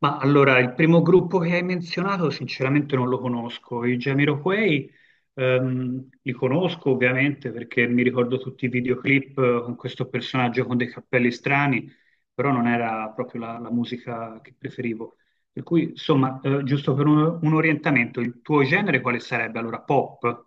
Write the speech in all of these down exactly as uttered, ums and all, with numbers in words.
Ma allora, il primo gruppo che hai menzionato sinceramente non lo conosco. I Jamiroquai ehm, li conosco ovviamente perché mi ricordo tutti i videoclip eh, con questo personaggio con dei cappelli strani, però non era proprio la, la musica che preferivo. Per cui, insomma, eh, giusto per un, un orientamento, il tuo genere quale sarebbe? Allora, pop?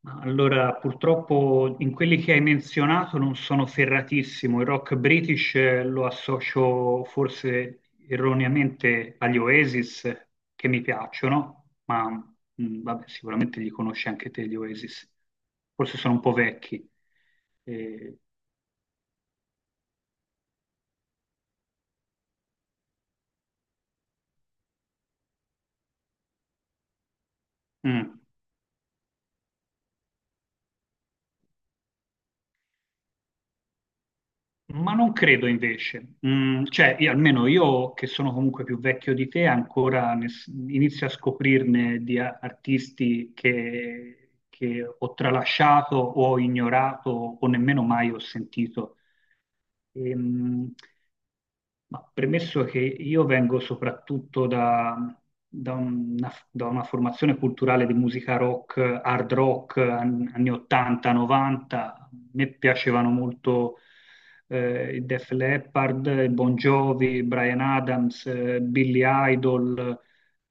Ma Allora, purtroppo in quelli che hai menzionato non sono ferratissimo. Il rock british eh, lo associo forse erroneamente agli Oasis, che mi piacciono, ma mh, vabbè, sicuramente li conosci anche te, gli Oasis. Forse sono un po' vecchi. Eh, mm. Ma non credo invece, Mm, cioè io- almeno io che sono comunque più vecchio di te ancora ne s- inizio a scoprirne di a- artisti che, che ho tralasciato o ho ignorato o nemmeno mai ho sentito. Ehm, ma premesso che io vengo soprattutto da, da una, da una formazione culturale di musica rock, hard rock, an- anni ottanta, novanta, a me piacevano molto eh, i Def Leppard, Bon Jovi, Brian Adams, eh, Billy Idol,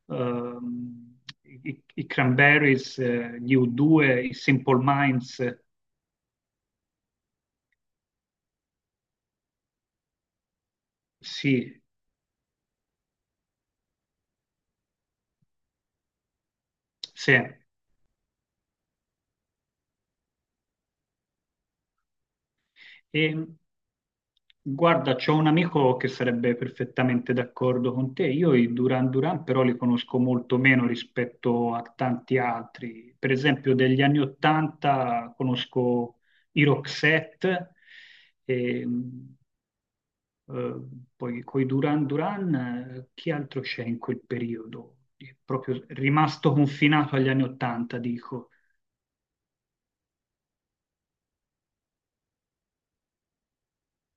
ehm, i, i Cranberries, eh, gli U due, i Simple Minds, sì, sì. E Guarda, c'ho un amico che sarebbe perfettamente d'accordo con te. Io i Duran Duran però li conosco molto meno rispetto a tanti altri. Per esempio, degli anni Ottanta conosco i Roxette, e, mh, eh, poi coi Duran Duran, eh, chi altro c'è in quel periodo? È proprio rimasto confinato agli anni Ottanta, dico.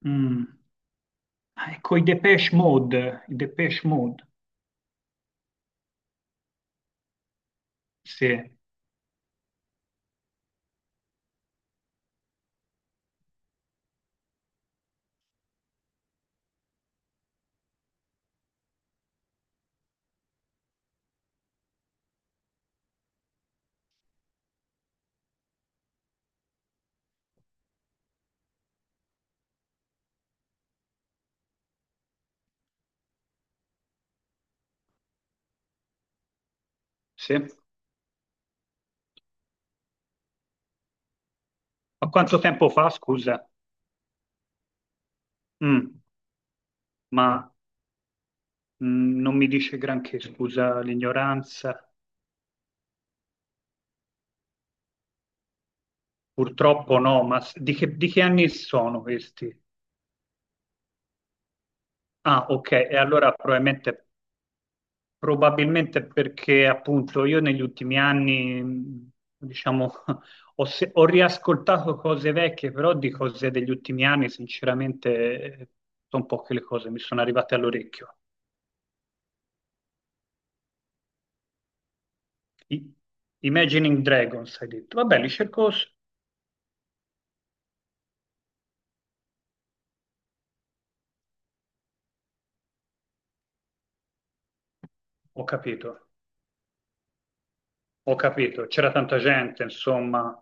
Mm. Ah, Ecco, i Depeche Mode, i Depeche Mode, sì, sì. Ma quanto tempo fa, scusa? Mm, ma mm, non mi dice granché, scusa l'ignoranza. Purtroppo no, ma s- di che, di che anni sono questi? Ah, ok, e allora probabilmente, probabilmente perché appunto io negli ultimi anni, mm, diciamo, ho, se- ho riascoltato cose vecchie, però di cose degli ultimi anni, sinceramente, eh, sono poche le cose mi sono arrivate all'orecchio. I- Imagining Dragons, hai detto. Vabbè, li cerco, s- Ho capito. Ho capito, c'era tanta gente, insomma,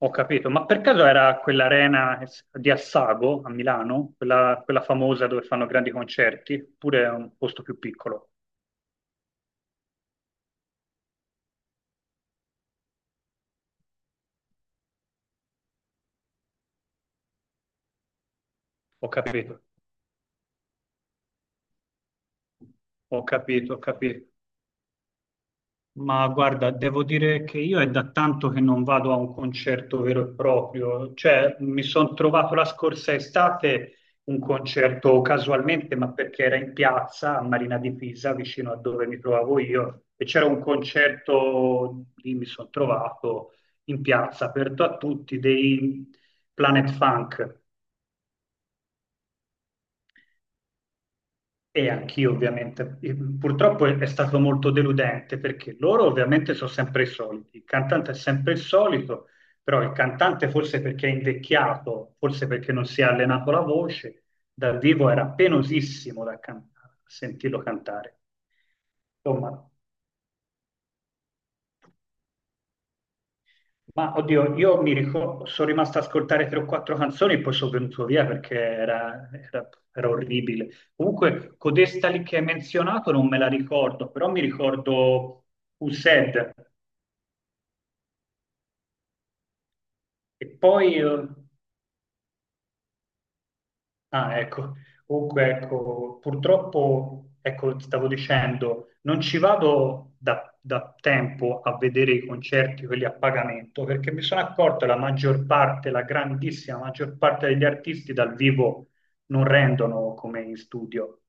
ho capito. Ma per caso era quell'arena di Assago a Milano, quella, quella famosa dove fanno grandi concerti, oppure è un posto più piccolo? Ho capito, ho capito, ho capito. Ma guarda, devo dire che io è da tanto che non vado a un concerto vero e proprio, cioè mi sono trovato la scorsa estate un concerto casualmente, ma perché era in piazza a Marina di Pisa, vicino a dove mi trovavo io, e c'era un concerto lì mi sono trovato in piazza, aperto a tutti, dei Planet Funk. E anch'io ovviamente. E Purtroppo è è stato molto deludente perché loro ovviamente sono sempre i soliti, il cantante è sempre il solito, però il cantante forse perché è invecchiato, forse perché non si è allenato la voce, dal vivo era penosissimo da can- sentirlo cantare. Insomma, Ma oddio, io mi ricordo, sono rimasto a ascoltare tre o quattro canzoni e poi sono venuto via perché era, era- era orribile. Comunque, codesta lì che hai menzionato non me la ricordo, però mi ricordo Used. E poi eh, Ah, ecco, comunque, ecco, purtroppo, ecco, ti stavo dicendo, non ci vado da, da tempo a vedere i concerti, quelli a pagamento, perché mi sono accorto che la maggior parte, la grandissima maggior parte degli artisti dal vivo non rendono come in studio.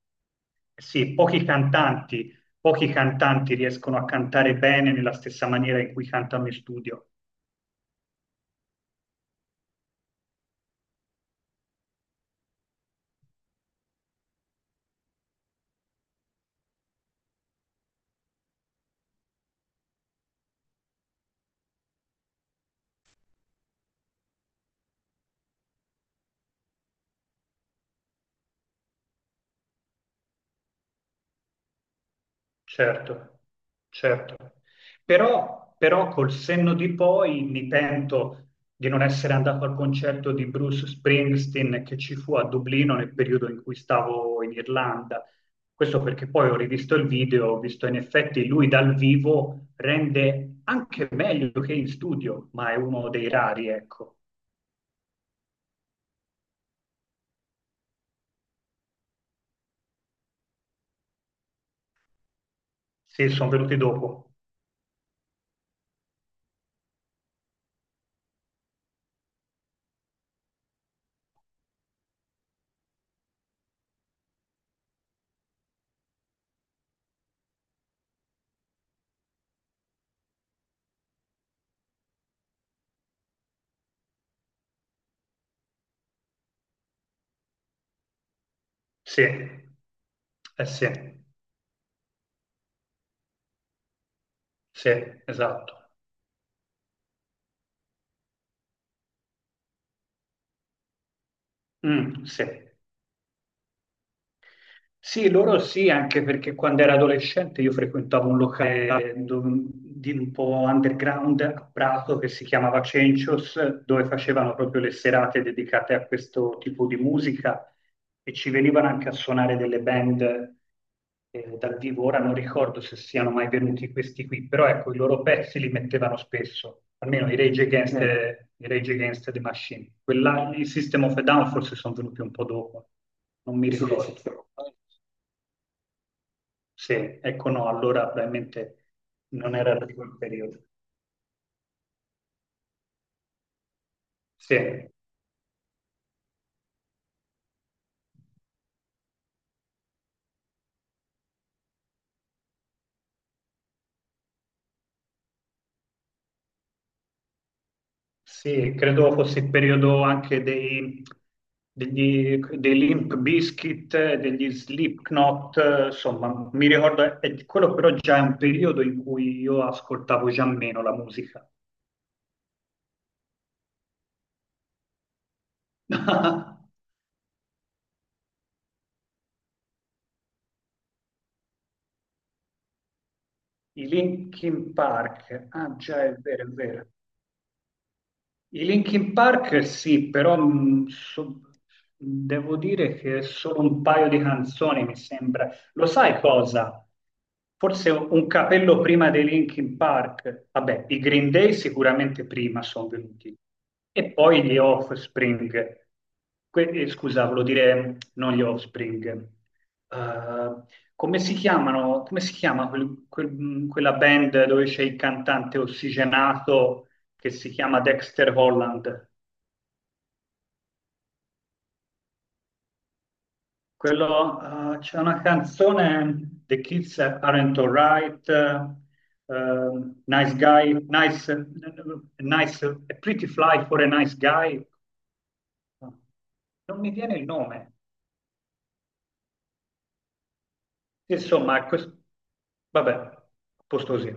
Eh Sì, pochi cantanti, pochi cantanti riescono a cantare bene nella stessa maniera in cui cantano in studio. Certo, certo. Però, però col senno di poi mi pento di non essere andato al concerto di Bruce Springsteen che ci fu a Dublino nel periodo in cui stavo in Irlanda. Questo perché poi ho rivisto il video, ho visto in effetti lui dal vivo rende anche meglio che in studio, ma è uno dei rari, ecco. Sì, sono venuti dopo. Sì, eh sì, sì, esatto. Mm, sì. Sì, loro sì, anche perché quando ero adolescente io frequentavo un locale dov- di un po' underground a Prato che si chiamava Cencios, dove facevano proprio le serate dedicate a questo tipo di musica e ci venivano anche a suonare delle band eh, dal vivo. Ora non ricordo se siano mai venuti questi qui, però ecco, i loro pezzi li mettevano spesso, almeno i Rage Against Eh, the, i Rage Against the Machine. Quella, i System of a Down forse sono venuti un po' dopo, non mi ricordo. Sì, ecco no, allora probabilmente non era di quel periodo. Sì, sì, credo fosse il periodo anche dei, degli, dei Limp Bizkit, eh, degli Slipknot, eh, insomma, mi ricordo, eh, quello però già è un periodo in cui io ascoltavo già meno la musica. I Linkin Park, ah già è vero, è vero. I Linkin Park sì, però mh, so- devo dire che solo un paio di canzoni mi sembra. Lo sai cosa? Forse un un capello prima dei Linkin Park. Vabbè, i Green Day sicuramente prima sono venuti. E poi gli Offspring. Que- eh, scusa, volevo dire non gli Offspring. Eh, Come si chiamano? Come si chiama quel- quel- mh, quella band dove c'è il cantante ossigenato? che si chiama Dexter Holland. Quello, eh, c'è una canzone, The Kids Aren't Alright, eh, ehm, Nice Guy, Nice, Nice, A Pretty Fly for a Nice Guy. Non mi viene il nome. Insomma, quest- vabbè, a posto così.